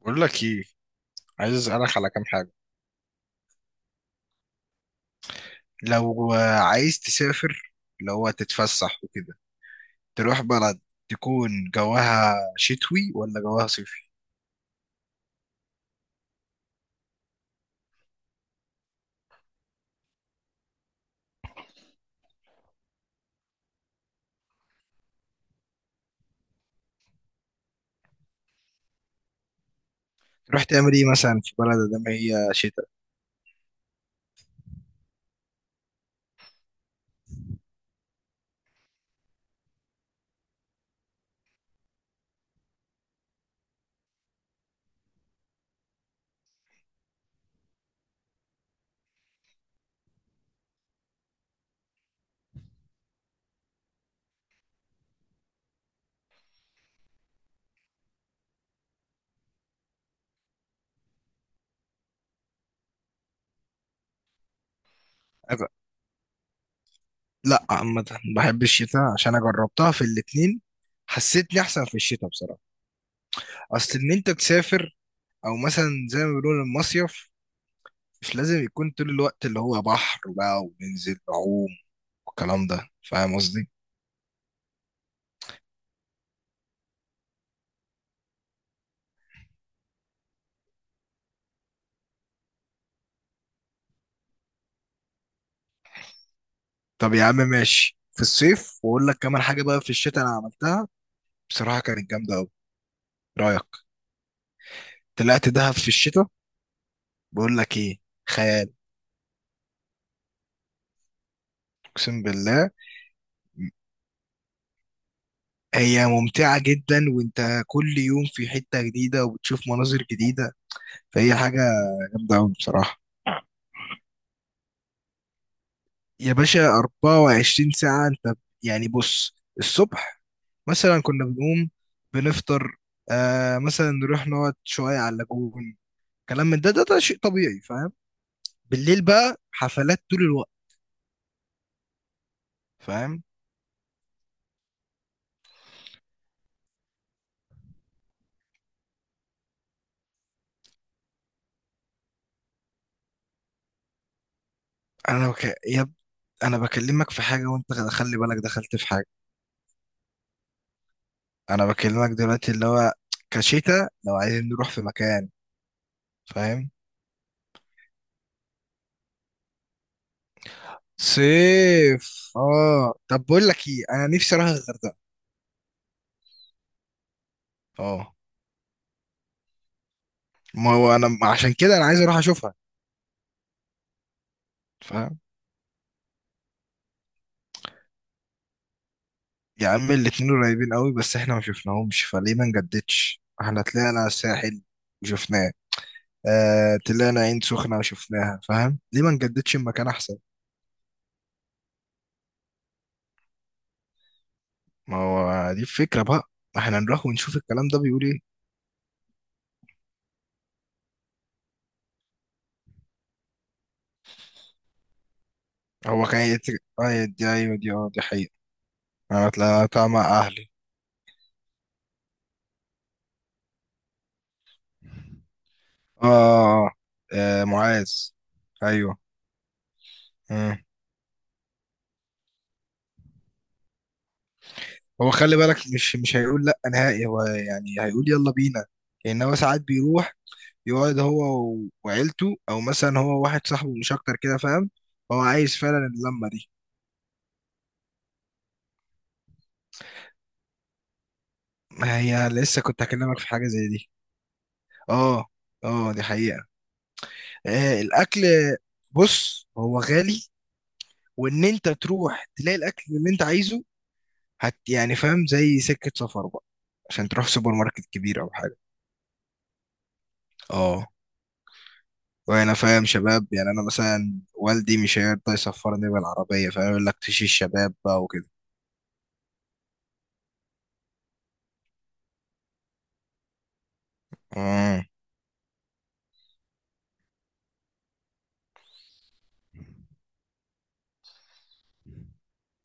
بقول لك ايه؟ عايز اسالك على كام حاجه. لو عايز تسافر، اللي هو تتفسح وكده، تروح بلد، تكون جواها شتوي ولا جواها صيفي؟ تروح تعمل ايه مثلا في بلد ده ما هي شتاء؟ أب- لا عامه، بحب الشتاء عشان انا جربتها في الاتنين، حسيتني احسن في الشتاء بصراحه. اصل ان انت تسافر او مثلا زي ما بيقولوا المصيف مش لازم يكون طول الوقت اللي هو بحر بقى وننزل نعوم والكلام ده، فاهم قصدي؟ طب يا عم ماشي، في الصيف، واقول لك كمان حاجه بقى، في الشتاء انا عملتها بصراحه كانت جامده قوي. رايك؟ طلعت دهب في الشتاء. بقول لك ايه، خيال. اقسم بالله. هي ممتعه جدا وانت كل يوم في حته جديده وبتشوف مناظر جديده، فهي حاجه جامده قوي بصراحه. يا باشا 24 ساعه انت. يعني بص الصبح مثلا كنا بنقوم، بنفطر، مثلا نروح نقعد شويه على اللاجون، كلام من ده ده، ده شيء طبيعي، فاهم؟ بالليل بقى حفلات طول الوقت، فاهم. انا بك... يا ب... انا بكلمك في حاجه وانت خلي بالك دخلت في حاجه. انا بكلمك دلوقتي اللي هو كشتا، لو عايزين نروح في مكان، فاهم. صيف طب بقول لك ايه انا نفسي اروح الغردقه. اه، ما هو انا عشان كده انا عايز اروح اشوفها، فاهم. يا عم الاتنين قريبين قوي بس احنا ما شفناهمش، فليه ما نجددش؟ احنا طلعنا الساحل وشفناه، طلعنا عين سخنه وشفناها، فاهم، ليه ما نجددش المكان احسن؟ ما هو دي الفكرة بقى، ما احنا نروح ونشوف الكلام ده بيقول ايه. هو كان يت- اه دي، ايوه دي، اه، دي حقيقة. انا طلعتها مع اهلي. اه، اه. آه، معاذ. ايوه. مم. هو خلي بالك، مش هيقول لا نهائي، هو يعني هيقول يلا بينا. لان هو ساعات بيروح يقعد هو وعيلته، او مثلا هو واحد صاحبه مش اكتر كده، فاهم، هو عايز فعلا اللمة دي. ما هي لسه كنت هكلمك في حاجة زي دي. اه، اه، دي حقيقة. الاكل، بص هو غالي، وان انت تروح تلاقي الاكل اللي انت عايزه يعني، فاهم، زي سكه سفر بقى، عشان تروح سوبر ماركت كبير او حاجه. اه، وانا فاهم شباب، يعني انا مثلا والدي مش هيرضى يسفرني بالعربيه، فاهم، يقول لك تشي الشباب بقى وكده. امم.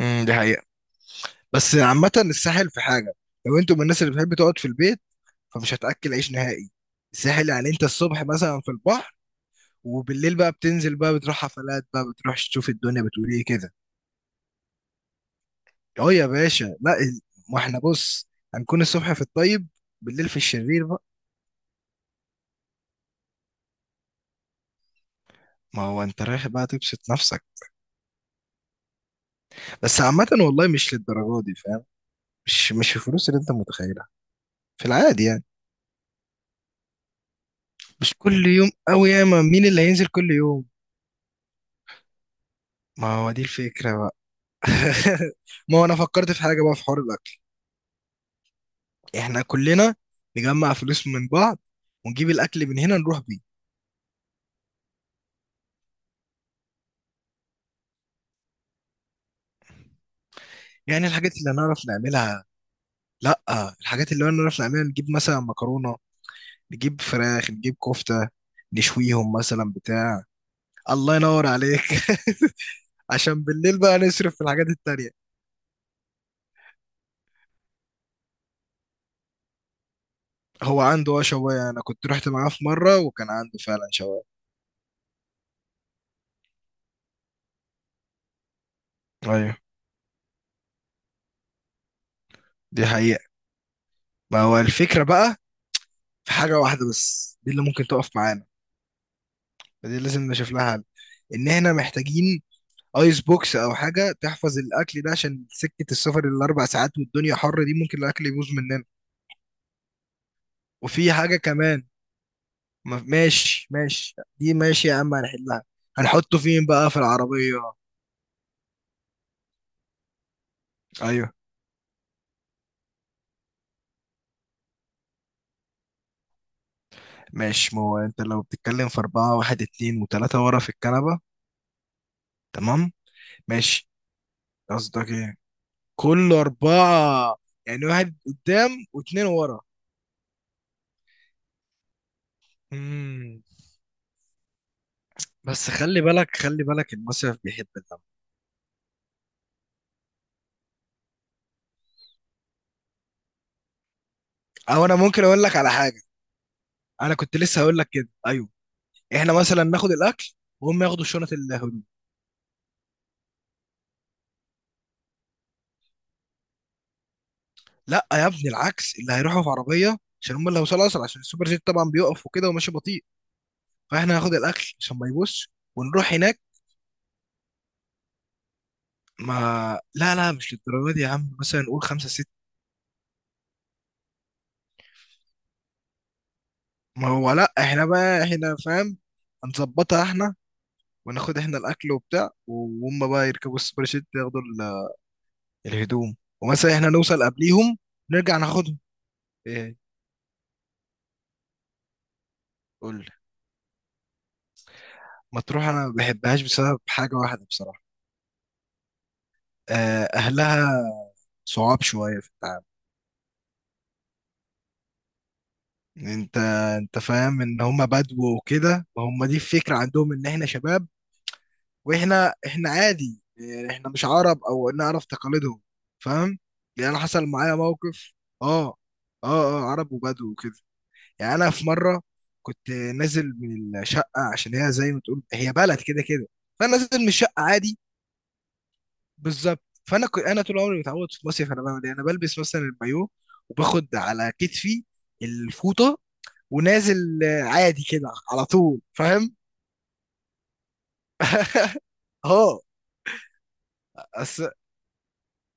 دي حقيقه. بس عامه الساحل في حاجه، لو انتوا من الناس اللي بتحب تقعد في البيت، فمش هتاكل عيش نهائي. الساحل يعني انت الصبح مثلا في البحر، وبالليل بقى بتنزل بقى، بتروح حفلات بقى، بتروح تشوف الدنيا بتقول ايه كده. اه يا باشا، لا ال- ما احنا بص، هنكون الصبح في الطيب، بالليل في الشرير بقى. ما هو انت رايح بقى تبسط نفسك، بس عامة والله مش للدرجة دي، فاهم، مش الفلوس اللي انت متخيلها، في العادي يعني. مش كل يوم قوي، ياما مين اللي هينزل كل يوم. ما هو دي الفكرة بقى. ما هو انا فكرت في حاجة بقى في حوار الاكل. احنا كلنا نجمع فلوس من بعض، ونجيب الاكل من هنا نروح بيه. يعني الحاجات اللي هنعرف نعملها. لا، الحاجات اللي انا نعرف نعملها، نجيب مثلا مكرونه، نجيب فراخ، نجيب كفته، نشويهم مثلا بتاع. الله ينور عليك. عشان بالليل بقى نصرف في الحاجات التانية. هو عنده شواية، انا كنت رحت معاه في مرة وكان عنده فعلا شواية. ايوه، دي حقيقة. ما هو الفكرة بقى، في حاجة واحدة بس دي اللي ممكن تقف معانا، فدي لازم نشوف لها حل. ان احنا محتاجين ايس بوكس او حاجة تحفظ الاكل ده، عشان سكة السفر الاربع ساعات والدنيا حر دي، ممكن الاكل يبوظ مننا. وفي حاجة كمان. ماشي ماشي دي ماشي يا عم، هنحلها. هنحطه فين بقى في العربية؟ ايوه. ماشي، ما هو انت لو بتتكلم في أربعة، واحد اتنين وتلاتة ورا في الكنبة، تمام. ماشي. قصدك ايه كل أربعة؟ يعني واحد قدام واتنين ورا. مم. بس خلي بالك خلي بالك، المصيف بيحب الدم. او انا ممكن اقول لك على حاجة. انا كنت لسه هقول لك كده، ايوه. احنا مثلا ناخد الاكل وهم ياخدوا شنط. لا يا ابني العكس، اللي هيروحوا في عربيه، عشان هم اللي هيوصلوا اسرع، عشان السوبر جيت طبعا بيقف وكده وماشي بطيء. فاحنا هناخد الاكل عشان ما يبص، ونروح هناك. ما، لا، لا مش للدرجه دي يا عم، مثلا نقول خمسة ستة. ما هو لا، احنا بقى احنا، فاهم، هنظبطها احنا، وناخد احنا الاكل وبتاع، وهم بقى يركبوا السوبر جيت ياخدوا الهدوم، ومثلا احنا نوصل قبليهم، نرجع ناخدهم. ايه؟ قول لي. مطروح، انا ما بحبهاش بسبب حاجه واحده بصراحه. اهلها صعاب شويه في التعامل. انت انت فاهم ان هم بدو وكده، ما هم دي الفكره عندهم ان احنا شباب. واحنا عادي، يعني احنا مش عرب او نعرف تقاليدهم، فاهم. يعني انا حصل معايا موقف. اه، اه، اه. عرب وبدو وكده. يعني انا في مره كنت نازل من الشقه، عشان هي زي ما تقول هي بلد كده كده، فانا نازل من الشقه عادي. بالظبط. فانا كنت انا طول عمري متعود في مصيف، انا بعمل ايه، انا بلبس مثلا البايو وباخد على كتفي الفوطه، ونازل عادي كده على طول، فاهم. اه. أس...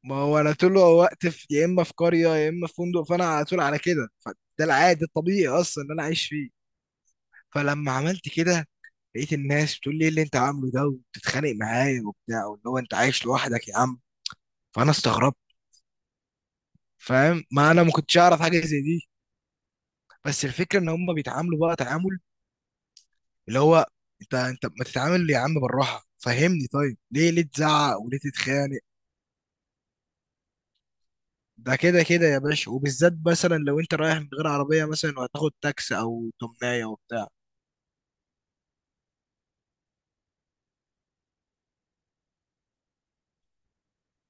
ما هو انا طول الوقت في يا اما في قريه يا اما في فندق، فانا على طول على كده، فده العادي الطبيعي اصلا ان انا عايش فيه. فلما عملت كده لقيت الناس بتقول لي إيه اللي انت عامله ده، وبتتخانق معايا وبتاع، واللي هو انت عايش لوحدك يا عم. فانا استغربت، فاهم، ما انا ما كنتش اعرف حاجه زي دي. بس الفكره ان هم بيتعاملوا بقى تعامل، اللي هو، انت ما تتعامل يا عم بالراحه، فهمني، طيب ليه تزعق وليه تتخانق. ده كده كده يا باشا، وبالذات مثلا لو انت رايح من غير عربية مثلا وهتاخد تاكسي او تمناية وبتاع.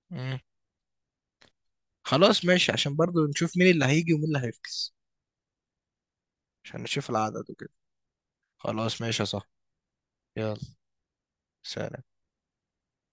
مم. خلاص ماشي، عشان برضو نشوف مين اللي هيجي ومين اللي هيفكس، عشان نشوف العدد وكده. خلاص ماشي يا صاحبي. يلا. سلام.